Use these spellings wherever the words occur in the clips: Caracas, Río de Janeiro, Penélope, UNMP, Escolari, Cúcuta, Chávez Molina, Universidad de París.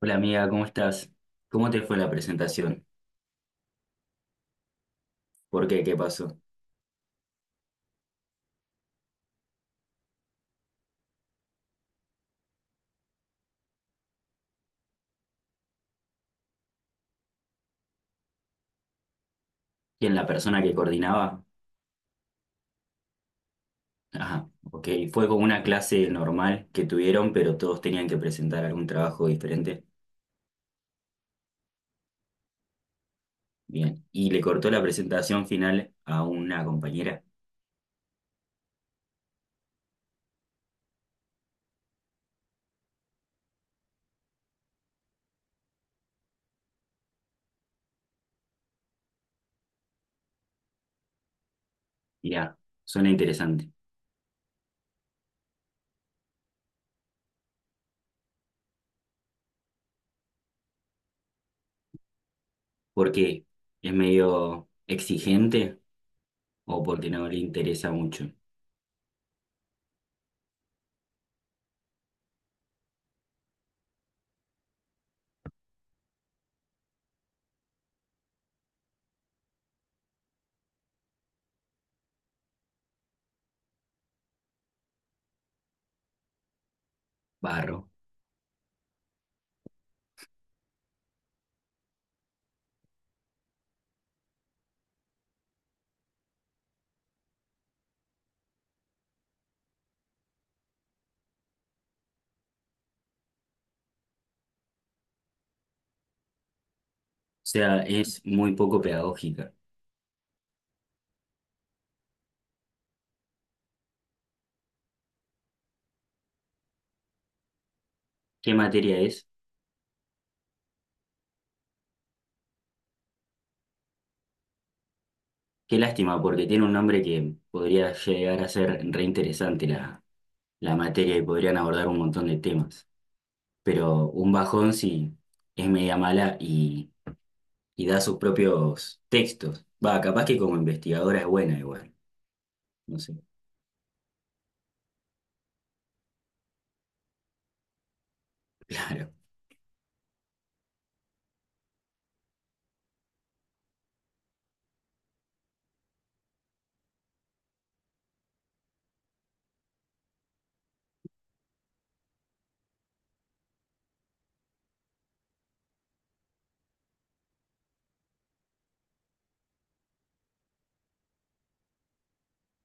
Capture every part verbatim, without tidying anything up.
Hola amiga, ¿cómo estás? ¿Cómo te fue la presentación? ¿Por qué? ¿Qué pasó? ¿Quién la persona que coordinaba? Ajá, ok. Fue como una clase normal que tuvieron, pero todos tenían que presentar algún trabajo diferente. Bien. Y le cortó la presentación final a una compañera. Mirá, suena interesante. ¿Por qué? ¿Es medio exigente o porque no le interesa mucho? Barro. O sea, es muy poco pedagógica. ¿Qué materia es? Qué lástima, porque tiene un nombre que podría llegar a ser reinteresante la, la materia y podrían abordar un montón de temas. Pero un bajón sí es media mala y, y da sus propios textos. Va, capaz que como investigadora es buena igual. No sé, claro.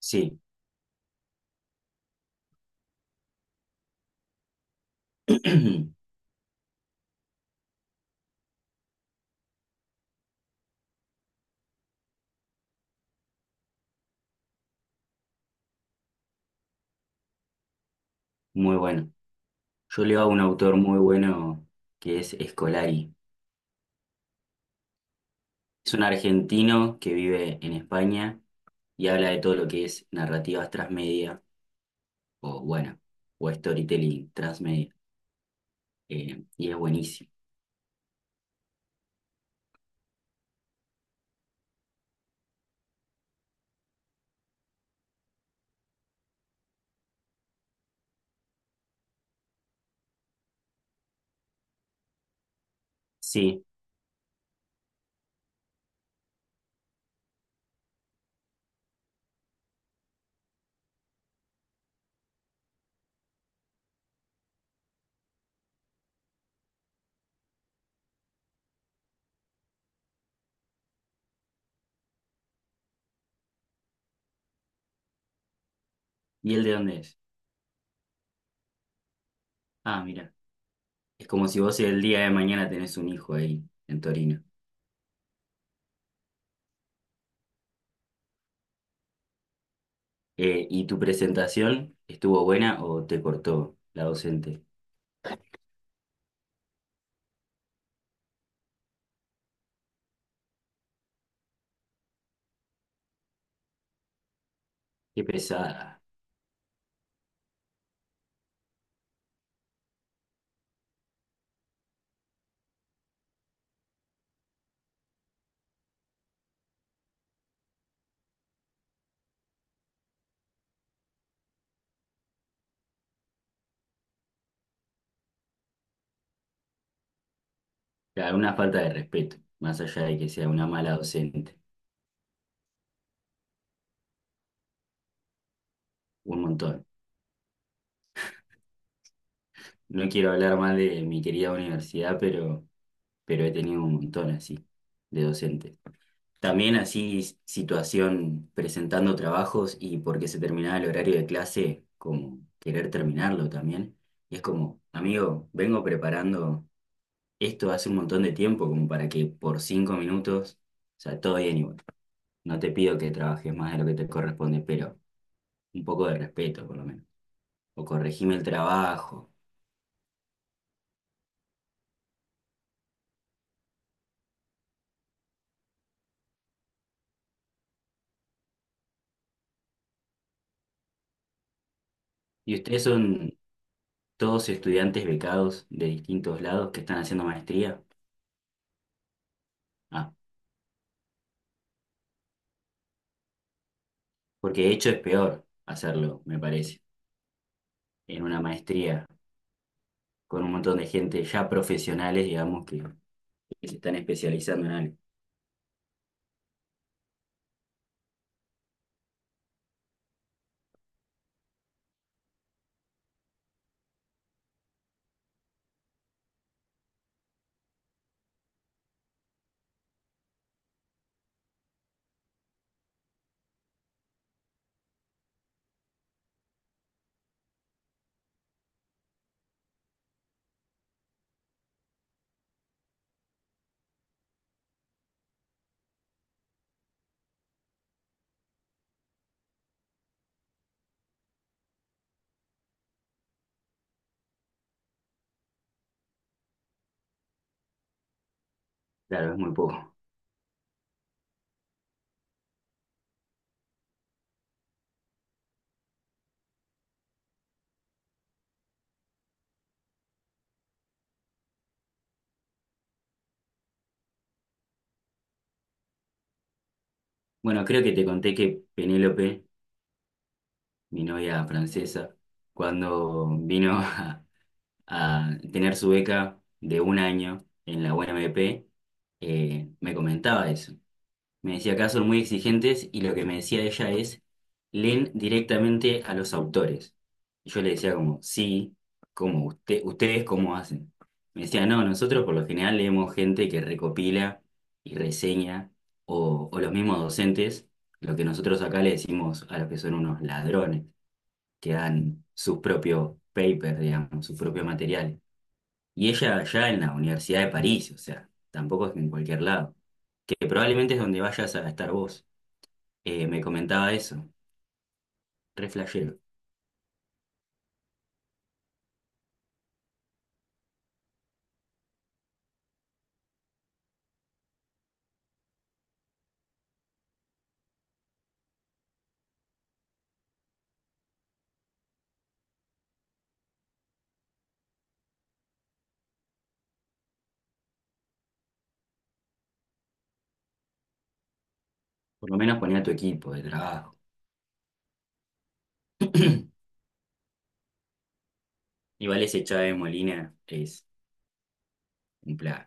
Sí, muy bueno. Yo leo a un autor muy bueno que es Escolari. Es un argentino que vive en España y habla de todo lo que es narrativas transmedia o bueno, o storytelling transmedia. Eh, y es buenísimo. Sí, ¿y él de dónde es? Ah, mira, es como si vos el día de mañana tenés un hijo ahí en Torino. Eh, ¿y tu presentación estuvo buena o te cortó la docente? Qué pesada. Claro, una falta de respeto, más allá de que sea una mala docente. Un montón. No quiero hablar mal de mi querida universidad, pero, pero he tenido un montón así de docentes. También así situación presentando trabajos y porque se terminaba el horario de clase, como querer terminarlo también. Y es como, amigo, vengo preparando esto hace un montón de tiempo, como para que por cinco minutos, o sea, todo bien igual. No te pido que trabajes más de lo que te corresponde, pero un poco de respeto por lo menos. O corregime el trabajo. ¿Y ustedes son todos estudiantes becados de distintos lados que están haciendo maestría? Ah, porque de hecho es peor hacerlo, me parece. En una maestría con un montón de gente ya profesionales, digamos, que, que se están especializando en algo. Claro, es muy poco. Bueno, creo que te conté que Penélope, mi novia francesa, cuando vino a, a tener su beca de un año en la U N M P, eh, me comentaba eso. Me decía acá son muy exigentes y lo que me decía ella es, leen directamente a los autores. Y yo le decía como sí, como usted, ustedes cómo hacen. Me decía no, nosotros por lo general leemos gente que recopila y reseña, o, o los mismos docentes, lo que nosotros acá le decimos a los que son unos ladrones, que dan sus propios papers, digamos, sus propios materiales. Y ella allá en la Universidad de París, o sea, tampoco es que en cualquier lado, que probablemente es donde vayas a estar vos, eh, me comentaba eso, re flashero. Por lo menos ponía tu equipo de trabajo. Igual ese Chávez Molina es un plan.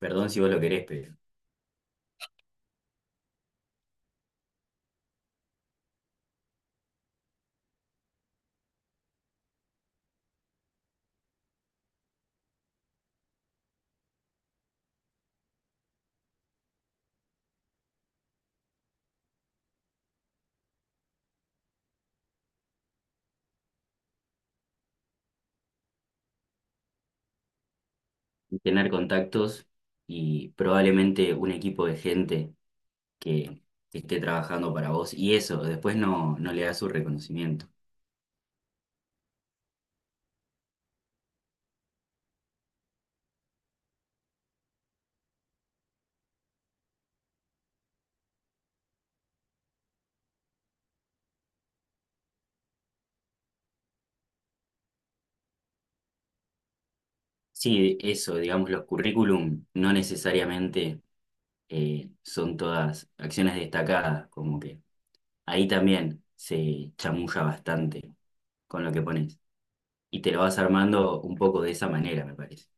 Perdón si vos lo querés, pero tener contactos y probablemente un equipo de gente que esté trabajando para vos y eso, después no, no le da su reconocimiento. Sí, eso, digamos, los currículum no necesariamente eh, son todas acciones destacadas, como que ahí también se chamulla bastante con lo que pones. Y te lo vas armando un poco de esa manera, me parece.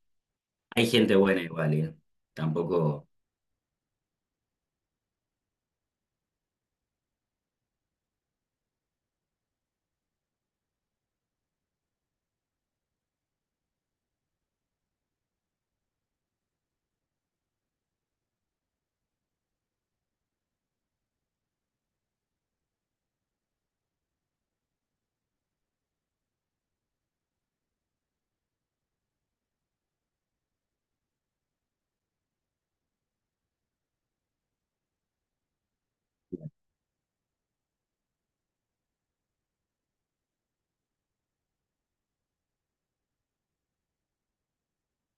Hay gente buena igual, ¿eh? Tampoco...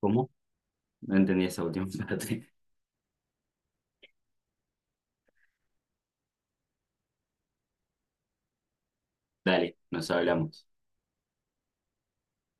¿Cómo? No entendí esa última parte. Dale, nos hablamos.